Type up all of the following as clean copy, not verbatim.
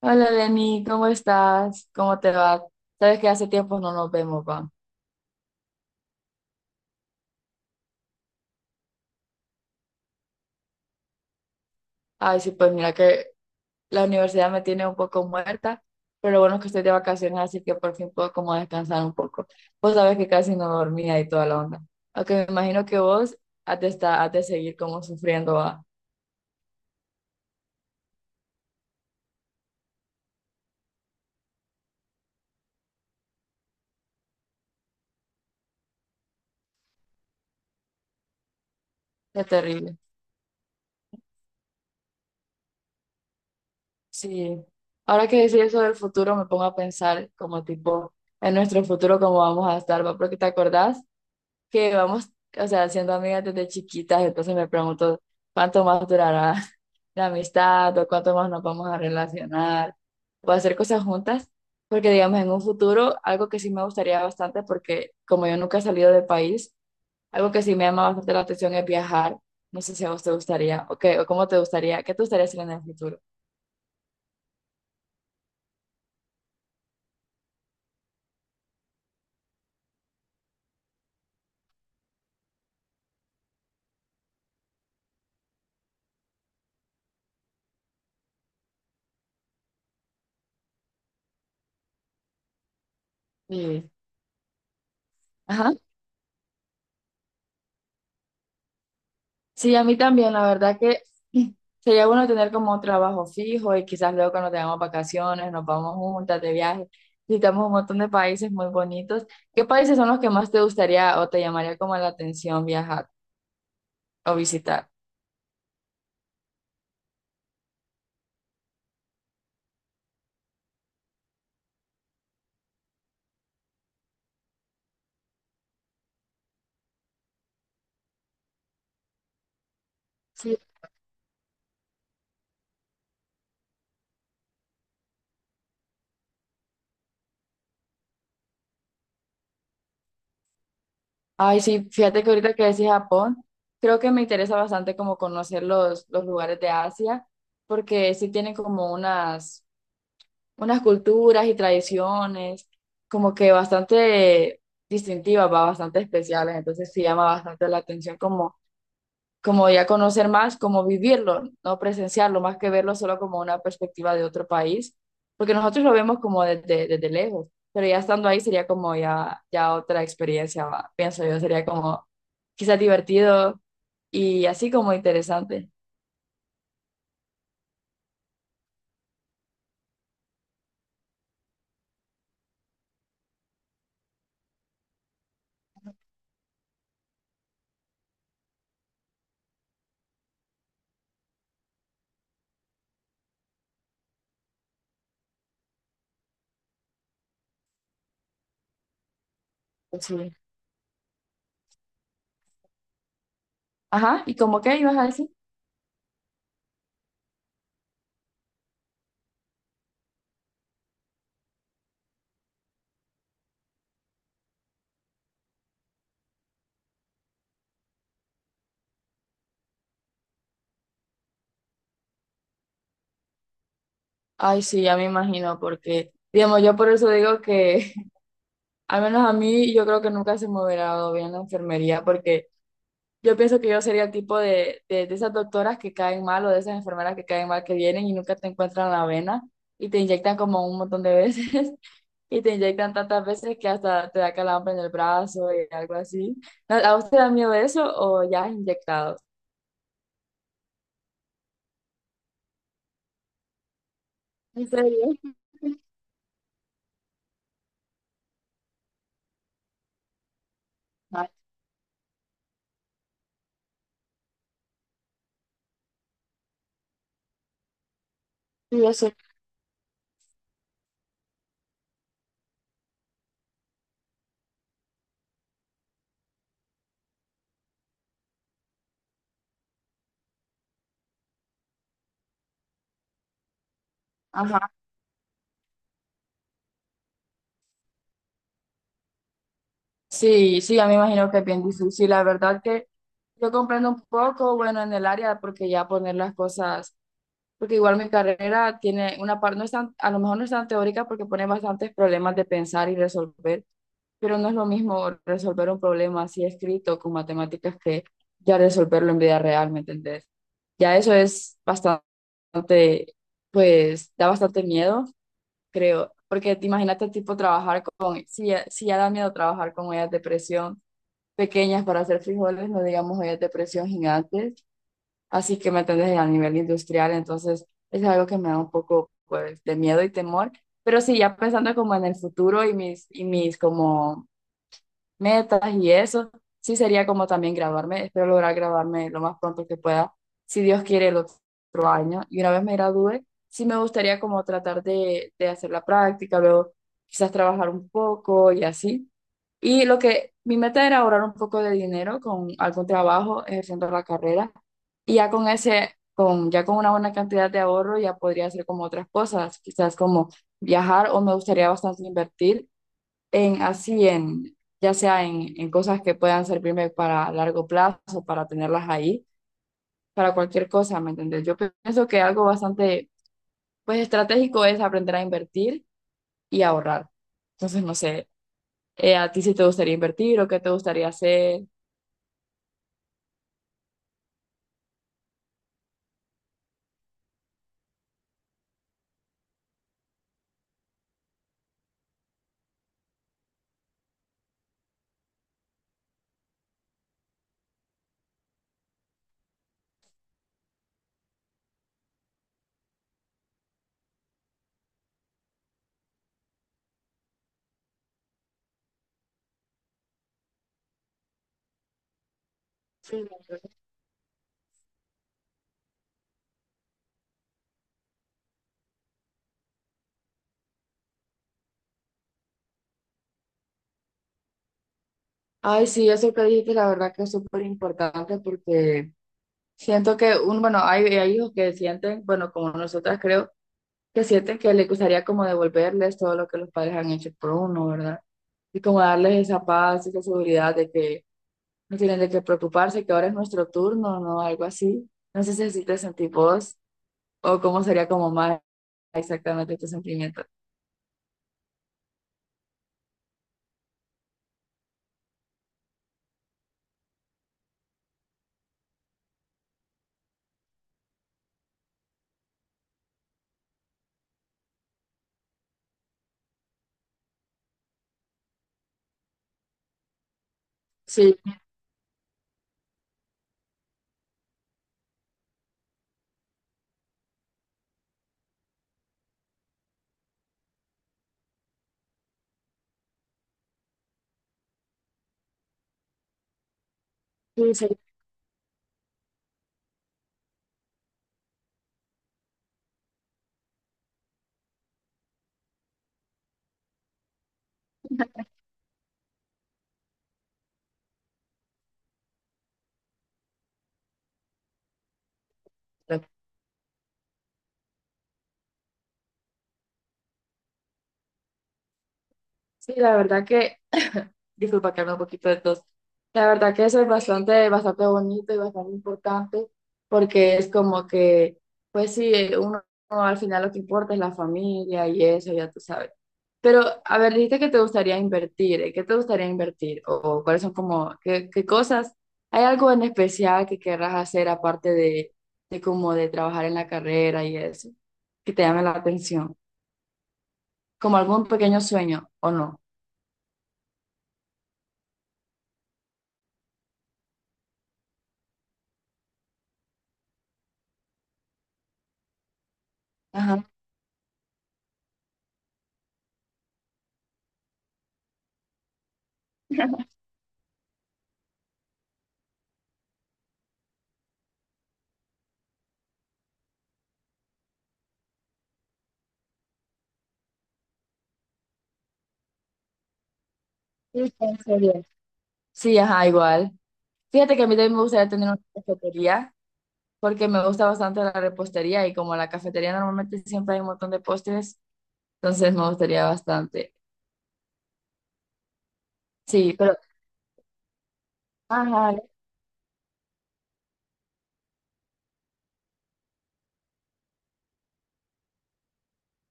Hola Lenny, ¿cómo estás? ¿Cómo te va? Sabes que hace tiempo no nos vemos, va. Ay, sí, pues mira que la universidad me tiene un poco muerta, pero lo bueno es que estoy de vacaciones, así que por fin puedo como descansar un poco. Vos sabes que casi no dormía y toda la onda. Aunque me imagino que vos has de seguir como sufriendo, va. Es terrible. Sí. Ahora que decís eso del futuro, me pongo a pensar como tipo en nuestro futuro, cómo vamos a estar, va. Porque te acordás que vamos, o sea, siendo amigas desde chiquitas, entonces me pregunto cuánto más durará la amistad o cuánto más nos vamos a relacionar o hacer cosas juntas, porque digamos en un futuro, algo que sí me gustaría bastante, porque como yo nunca he salido del país, algo que sí me llama bastante la atención es viajar. No sé si a vos te gustaría, o qué, o cómo te gustaría, qué te gustaría hacer en el futuro. Y, ajá. Sí, a mí también, la verdad que sería bueno tener como un trabajo fijo y quizás luego cuando tengamos vacaciones nos vamos juntas de viaje. Visitamos un montón de países muy bonitos. ¿Qué países son los que más te gustaría o te llamaría como la atención viajar o visitar? Sí. Ay, sí, fíjate que ahorita que decís Japón, creo que me interesa bastante como conocer los lugares de Asia, porque sí tienen como unas unas culturas y tradiciones como que bastante distintivas, va, bastante especiales, entonces sí llama bastante la atención como, como ya conocer más, como vivirlo, no presenciarlo, más que verlo solo como una perspectiva de otro país, porque nosotros lo vemos como desde, desde lejos, pero ya estando ahí sería como ya, ya otra experiencia, va, pienso yo, sería como quizás divertido y así como interesante. Pues sí. Ajá, ¿y como qué ibas a decir? Ay, sí, ya me imagino, porque, digamos, yo por eso digo que, al menos a mí, yo creo que nunca se me hubiera dado bien la enfermería, porque yo pienso que yo sería el tipo de esas doctoras que caen mal o de esas enfermeras que caen mal, que vienen y nunca te encuentran la vena y te inyectan como un montón de veces y te inyectan tantas veces que hasta te da calambre en el brazo y algo así. ¿A usted da miedo eso o ya has inyectado? ¿En serio? Ay, sí, yo sé. Ajá. Sí, sí, ya me imagino que es bien difícil. La verdad que yo comprendo un poco, bueno, en el área, porque ya poner las cosas, porque igual mi carrera tiene una parte, no es tan, a lo mejor no es tan teórica porque pone bastantes problemas de pensar y resolver, pero no es lo mismo resolver un problema así escrito con matemáticas que ya resolverlo en vida real, ¿me entendés? Ya eso es bastante, pues da bastante miedo, creo, porque te imagínate tipo trabajar con, si ya, si ya da miedo trabajar con ellas depresión pequeñas para hacer frijoles, no digamos ollas de presión gigantes, así que me entendés a nivel industrial, entonces es algo que me da un poco pues de miedo y temor, pero sí, ya pensando como en el futuro y mis como metas y eso, sí sería como también graduarme, espero lograr graduarme lo más pronto que pueda, si Dios quiere el otro año, y una vez me gradúe, sí me gustaría como tratar de hacer la práctica, luego quizás trabajar un poco y así y lo que mi meta era ahorrar un poco de dinero con algún trabajo ejerciendo la carrera. Y ya con ese, con, ya con una buena cantidad de ahorro, ya podría hacer como otras cosas, quizás como viajar o me gustaría bastante invertir en así, en, ya sea en cosas que puedan servirme para largo plazo, para tenerlas ahí, para cualquier cosa, ¿me entendés? Yo pienso que algo bastante, pues estratégico es aprender a invertir y ahorrar. Entonces, no sé, ¿a ti si te gustaría invertir o qué te gustaría hacer? Sí. Ay, sí, eso que dijiste, la verdad que es súper importante porque siento que, un, bueno, hay hijos que sienten, bueno, como nosotras creo, que sienten que les gustaría como devolverles todo lo que los padres han hecho por uno, ¿verdad? Y como darles esa paz, esa seguridad de que no tienen de qué preocuparse, que ahora es nuestro turno, ¿no? Algo así. No sé si así te sentís vos o cómo sería como más exactamente tu sentimiento. Sí, sí, sí. Sí, la verdad que disculpa que hable un poquito de todo, la verdad que eso es bastante, bastante bonito y bastante importante porque es como que, pues sí, uno, uno al final lo que importa es la familia y eso, ya tú sabes. Pero, a ver, dijiste que te gustaría invertir, ¿eh? ¿Qué te gustaría invertir? O cuáles son como, qué, qué cosas? ¿Hay algo en especial que querrás hacer aparte de como de trabajar en la carrera y eso? Que te llame la atención. ¿Como algún pequeño sueño o no? Ajá. Sí, sí, en serio. Sí, ajá, igual. Fíjate que a mí también me gustaría tener una cafetería porque me gusta bastante la repostería y como en la cafetería normalmente siempre hay un montón de postres, entonces me gustaría bastante. Sí, pero... Ajá,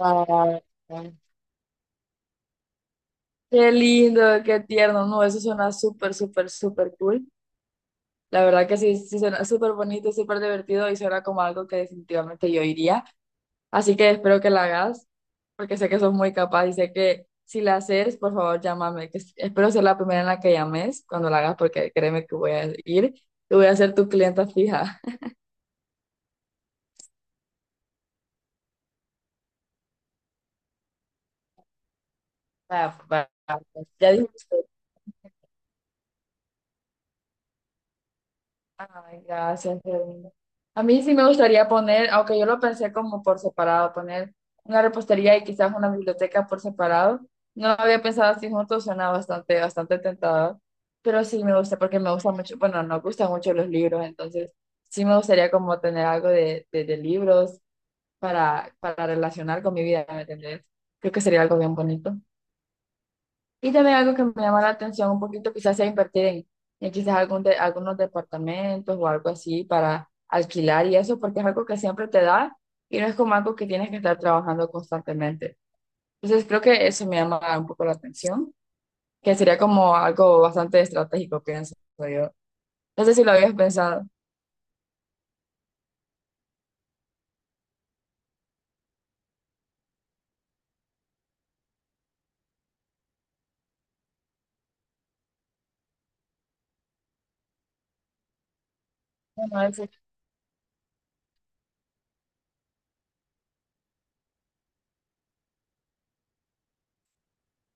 ah, qué lindo, qué tierno. No, eso suena súper, súper, súper cool. La verdad que sí, sí suena súper bonito, súper divertido y suena como algo que definitivamente yo iría. Así que espero que la hagas, porque sé que sos muy capaz y sé que si la haces, por favor, llámame, que espero ser la primera en la que llames cuando la hagas, porque créeme que voy a ir y voy a ser tu clienta fija. Va, va, va. Ya dijiste. Ay, gracias, qué lindo. A mí sí me gustaría poner, aunque yo lo pensé como por separado, poner una repostería y quizás una biblioteca por separado. No había pensado así juntos, suena bastante, bastante tentador. Pero sí me gusta porque me gusta mucho, bueno, nos gustan mucho los libros, entonces sí me gustaría como tener algo de libros para relacionar con mi vida, ¿me entendés? Creo que sería algo bien bonito. Y también algo que me llama la atención un poquito quizás sea invertir en quizás algunos departamentos o algo así para alquilar y eso, porque es algo que siempre te da y no es como algo que tienes que estar trabajando constantemente. Entonces creo que eso me llama un poco la atención, que sería como algo bastante estratégico, pienso yo. No sé si lo habías pensado. Bueno, ese-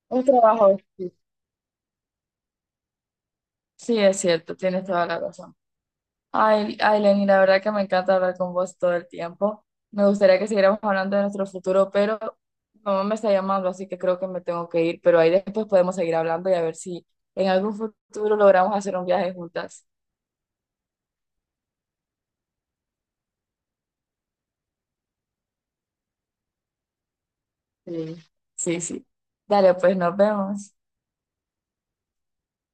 un trabajo. Sí, sí, es cierto, tienes toda la razón. Ay, ay, Lenny, la verdad que me encanta hablar con vos todo el tiempo. Me gustaría que siguiéramos hablando de nuestro futuro, pero mi mamá me está llamando, así que creo que me tengo que ir. Pero ahí después podemos seguir hablando y a ver si en algún futuro logramos hacer un viaje juntas. Sí. Sí, sí. Dale, pues nos vemos.